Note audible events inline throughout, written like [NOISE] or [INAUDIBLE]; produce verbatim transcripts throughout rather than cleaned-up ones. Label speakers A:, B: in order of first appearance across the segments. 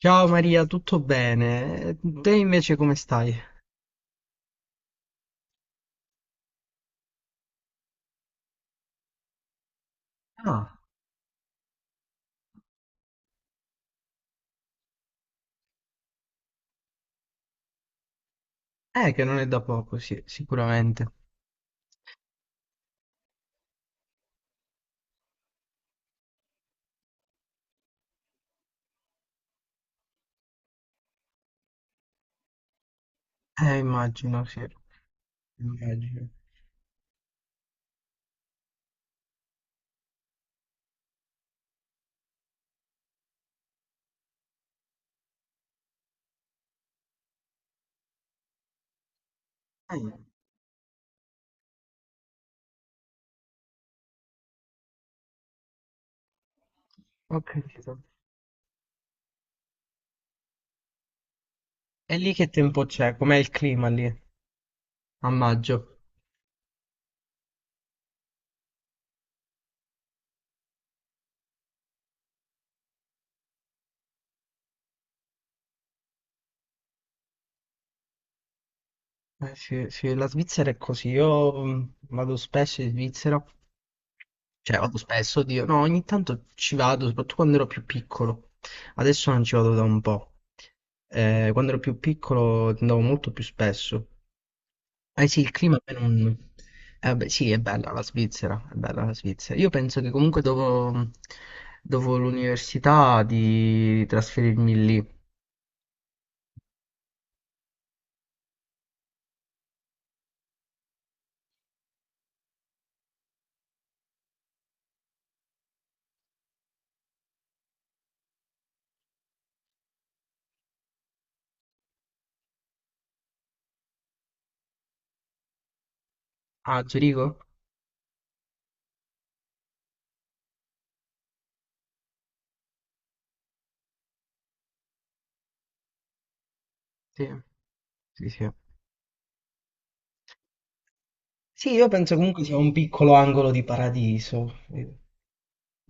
A: Ciao Maria, tutto bene? Te invece come stai? Ah, eh, che non è da poco, sì, sicuramente. Eh, immagino, sì, immagino. Eh, ho capito. E lì che tempo c'è? Com'è il clima lì? A maggio? Eh, sì, sì, la Svizzera è così. Io mm, vado spesso in Svizzera, cioè vado spesso, oddio, no, ogni tanto ci vado, soprattutto quando ero più piccolo. Adesso non ci vado da un po'. Eh, quando ero più piccolo andavo molto più spesso. Eh sì, il clima a me non... Eh beh, sì, è bella la Svizzera, è bella la Svizzera. Io penso che comunque dopo, dopo l'università di trasferirmi lì. A Zurigo? Sì, sì, sì. Sì, io penso comunque sia un piccolo angolo di paradiso.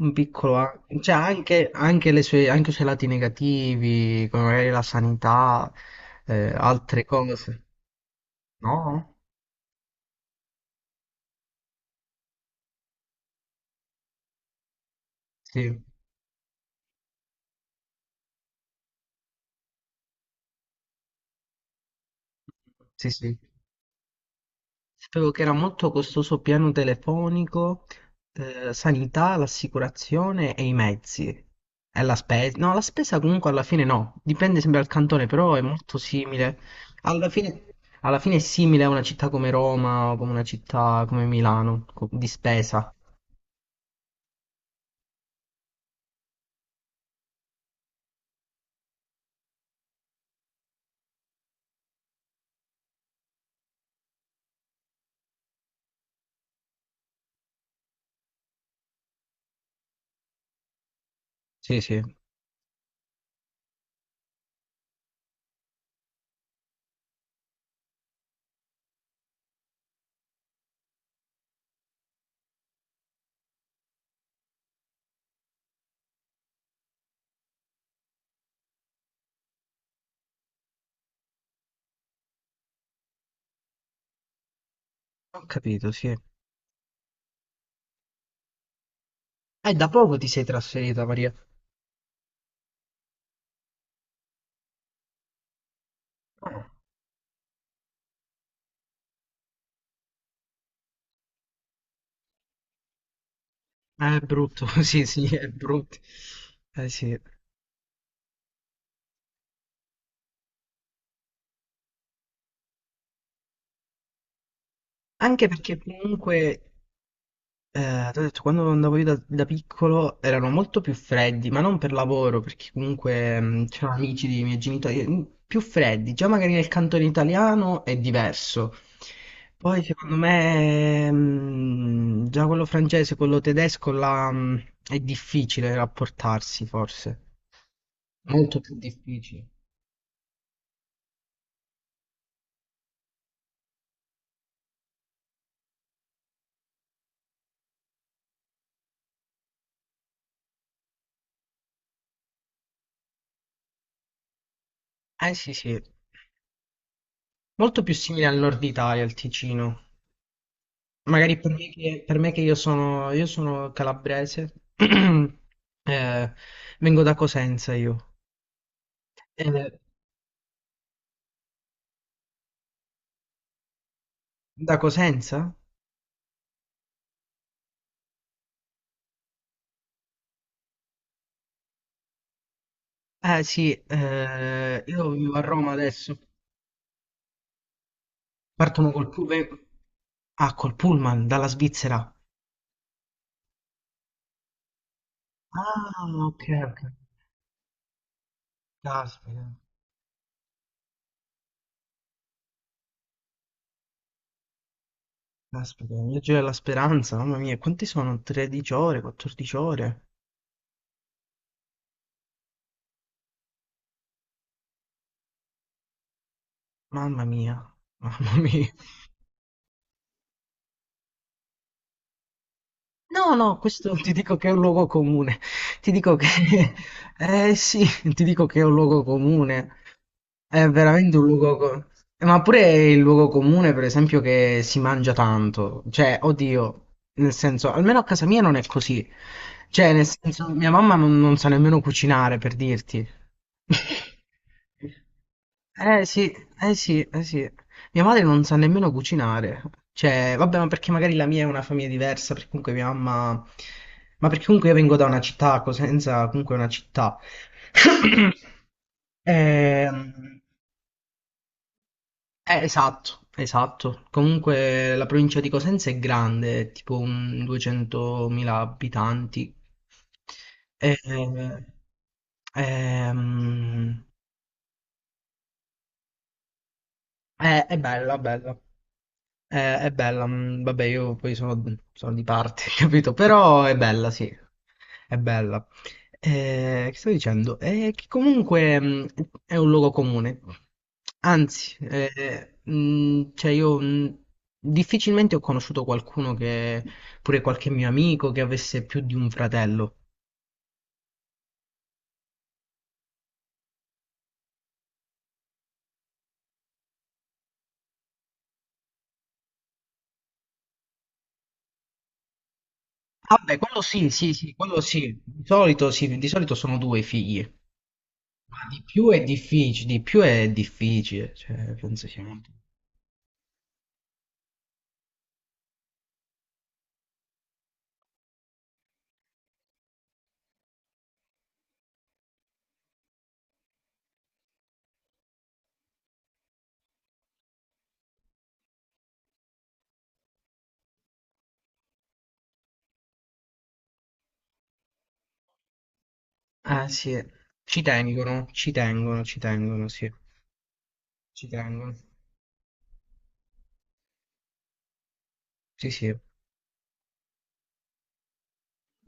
A: Un piccolo... a- Cioè, anche, anche, le sue, anche i suoi lati negativi, come magari la sanità, eh, altre cose. No? Sì, sì, sì. Sapevo che era molto costoso piano telefonico, eh, sanità, l'assicurazione e i mezzi. E la spesa. No, la spesa comunque alla fine no, dipende sempre dal cantone, però è molto simile. Alla fine, alla fine è simile a una città come Roma o come una città come Milano, co- di spesa. Sì, sì, ho capito, sì. E da poco ti sei trasferita, Maria. Eh, È brutto, [LAUGHS] sì, sì, è brutto. Eh, sì. Anche perché comunque eh, t'ho detto, quando andavo io da, da piccolo erano molto più freddi, ma non per lavoro, perché comunque mh, c'erano amici dei miei genitori mh, più freddi. Già magari nel cantone italiano è diverso. Poi secondo me mh, già quello francese, quello tedesco là, mh, è difficile rapportarsi, forse. Molto più difficile. Eh sì, sì. Molto più simile al nord Italia, al Ticino. Magari per me che, per me che io sono, io sono calabrese, [CLEARS THROAT] eh, vengo da Cosenza io. Eh, da Cosenza? Eh sì, eh, io vivo a Roma adesso. Partono col pullman. Ah, col pullman, dalla Svizzera. Ah, ok, ok. Caspita, caspita, il viaggio della speranza, mamma mia, quanti sono? tredici ore, quattordici ore? Mamma mia, mamma mia. No, no, questo ti dico che è un luogo comune. Ti dico che... [LAUGHS] Eh sì, ti dico che è un luogo comune. È veramente un luogo... co- Ma pure è il luogo comune, per esempio, che si mangia tanto. Cioè, oddio, nel senso, almeno a casa mia non è così. Cioè, nel senso, mia mamma non, non sa nemmeno cucinare, per dirti. [LAUGHS] Eh sì, eh sì, eh sì. Mia madre non sa nemmeno cucinare, cioè, vabbè, ma perché magari la mia è una famiglia diversa, perché comunque mia mamma... Ma perché comunque io vengo da una città, Cosenza comunque è una città. [CLEARS THROAT] [COUGHS] Ehm, eh, esatto, esatto. Comunque la provincia di Cosenza è grande, è tipo un duecentomila abitanti. Eh, ehm, eh, è, è bella, bella. Eh, è bella, mm, vabbè, io poi sono, sono di parte, [LAUGHS] capito? Però è bella, sì, è bella. Eh, che stavo dicendo? Eh, che comunque mm, è un luogo comune. Anzi, eh, mm, cioè io mm, difficilmente ho conosciuto qualcuno che, pure qualche mio amico, che avesse più di un fratello. Vabbè, quello sì, sì, sì, quello sì. Di solito, sì, di solito sono due i figli. Ma di più è difficile, di più è difficile, cioè, penso sia molto. Ah sì, ci tengono, ci tengono, ci tengono, sì, ci tengono. Sì, sì.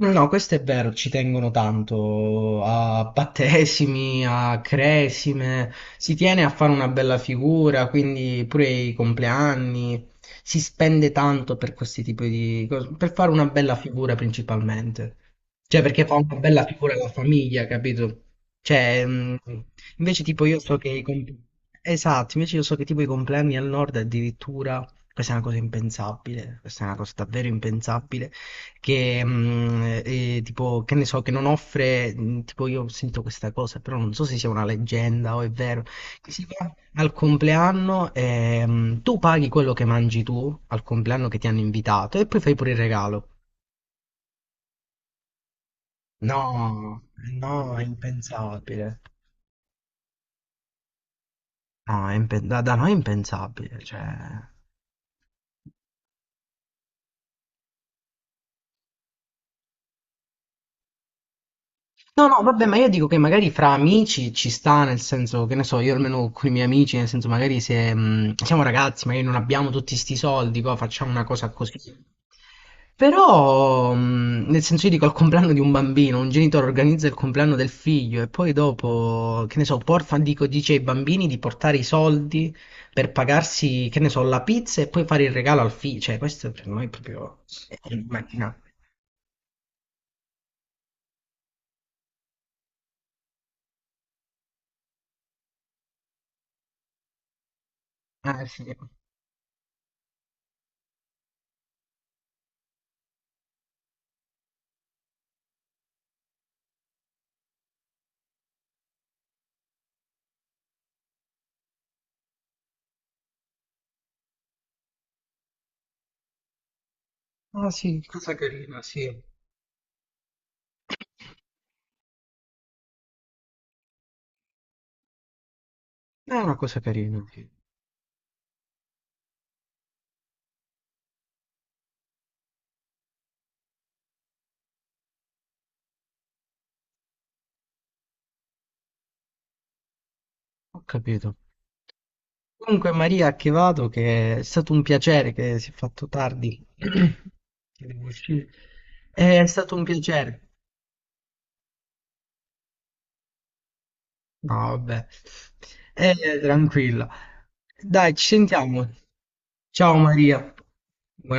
A: No, no, questo è vero, ci tengono tanto a battesimi, a cresime, si tiene a fare una bella figura, quindi pure i compleanni, si spende tanto per questi tipi di cose, per fare una bella figura principalmente. Cioè, perché fa una bella figura la famiglia, capito? Cioè, mh, invece tipo io so che i compleanni... Esatto, invece io so che tipo i compleanni al nord addirittura, questa è una cosa impensabile, questa è una cosa davvero impensabile che mh, eh, tipo, che ne so, che non offre, mh, tipo io ho sentito questa cosa, però non so se sia una leggenda o è vero, che si va al compleanno e mh, tu paghi quello che mangi tu al compleanno che ti hanno invitato e poi fai pure il regalo. No, no, è impensabile. No, è impen- da, da noi è impensabile, cioè... No, no, vabbè, ma io dico che magari fra amici ci sta, nel senso, che ne so, io almeno con i miei amici, nel senso, magari se mh, siamo ragazzi, magari non abbiamo tutti sti soldi, co, facciamo una cosa così. Però, mh, nel senso, io dico al compleanno di un bambino, un genitore organizza il compleanno del figlio e poi dopo, che ne so, porta, dico, dice ai bambini di portare i soldi per pagarsi, che ne so, la pizza e poi fare il regalo al figlio. Cioè, questo per noi è proprio... è immaginabile. Ah, sì. Ah, sì, cosa carina, sì. È una cosa carina, sì. Ho capito. Comunque, Maria, che vado, che è stato un piacere che si è fatto tardi. [CLEARS THROAT] Che devo uscire. È stato un piacere. No, vabbè. Eh, tranquilla. Dai, ci sentiamo. Ciao Maria.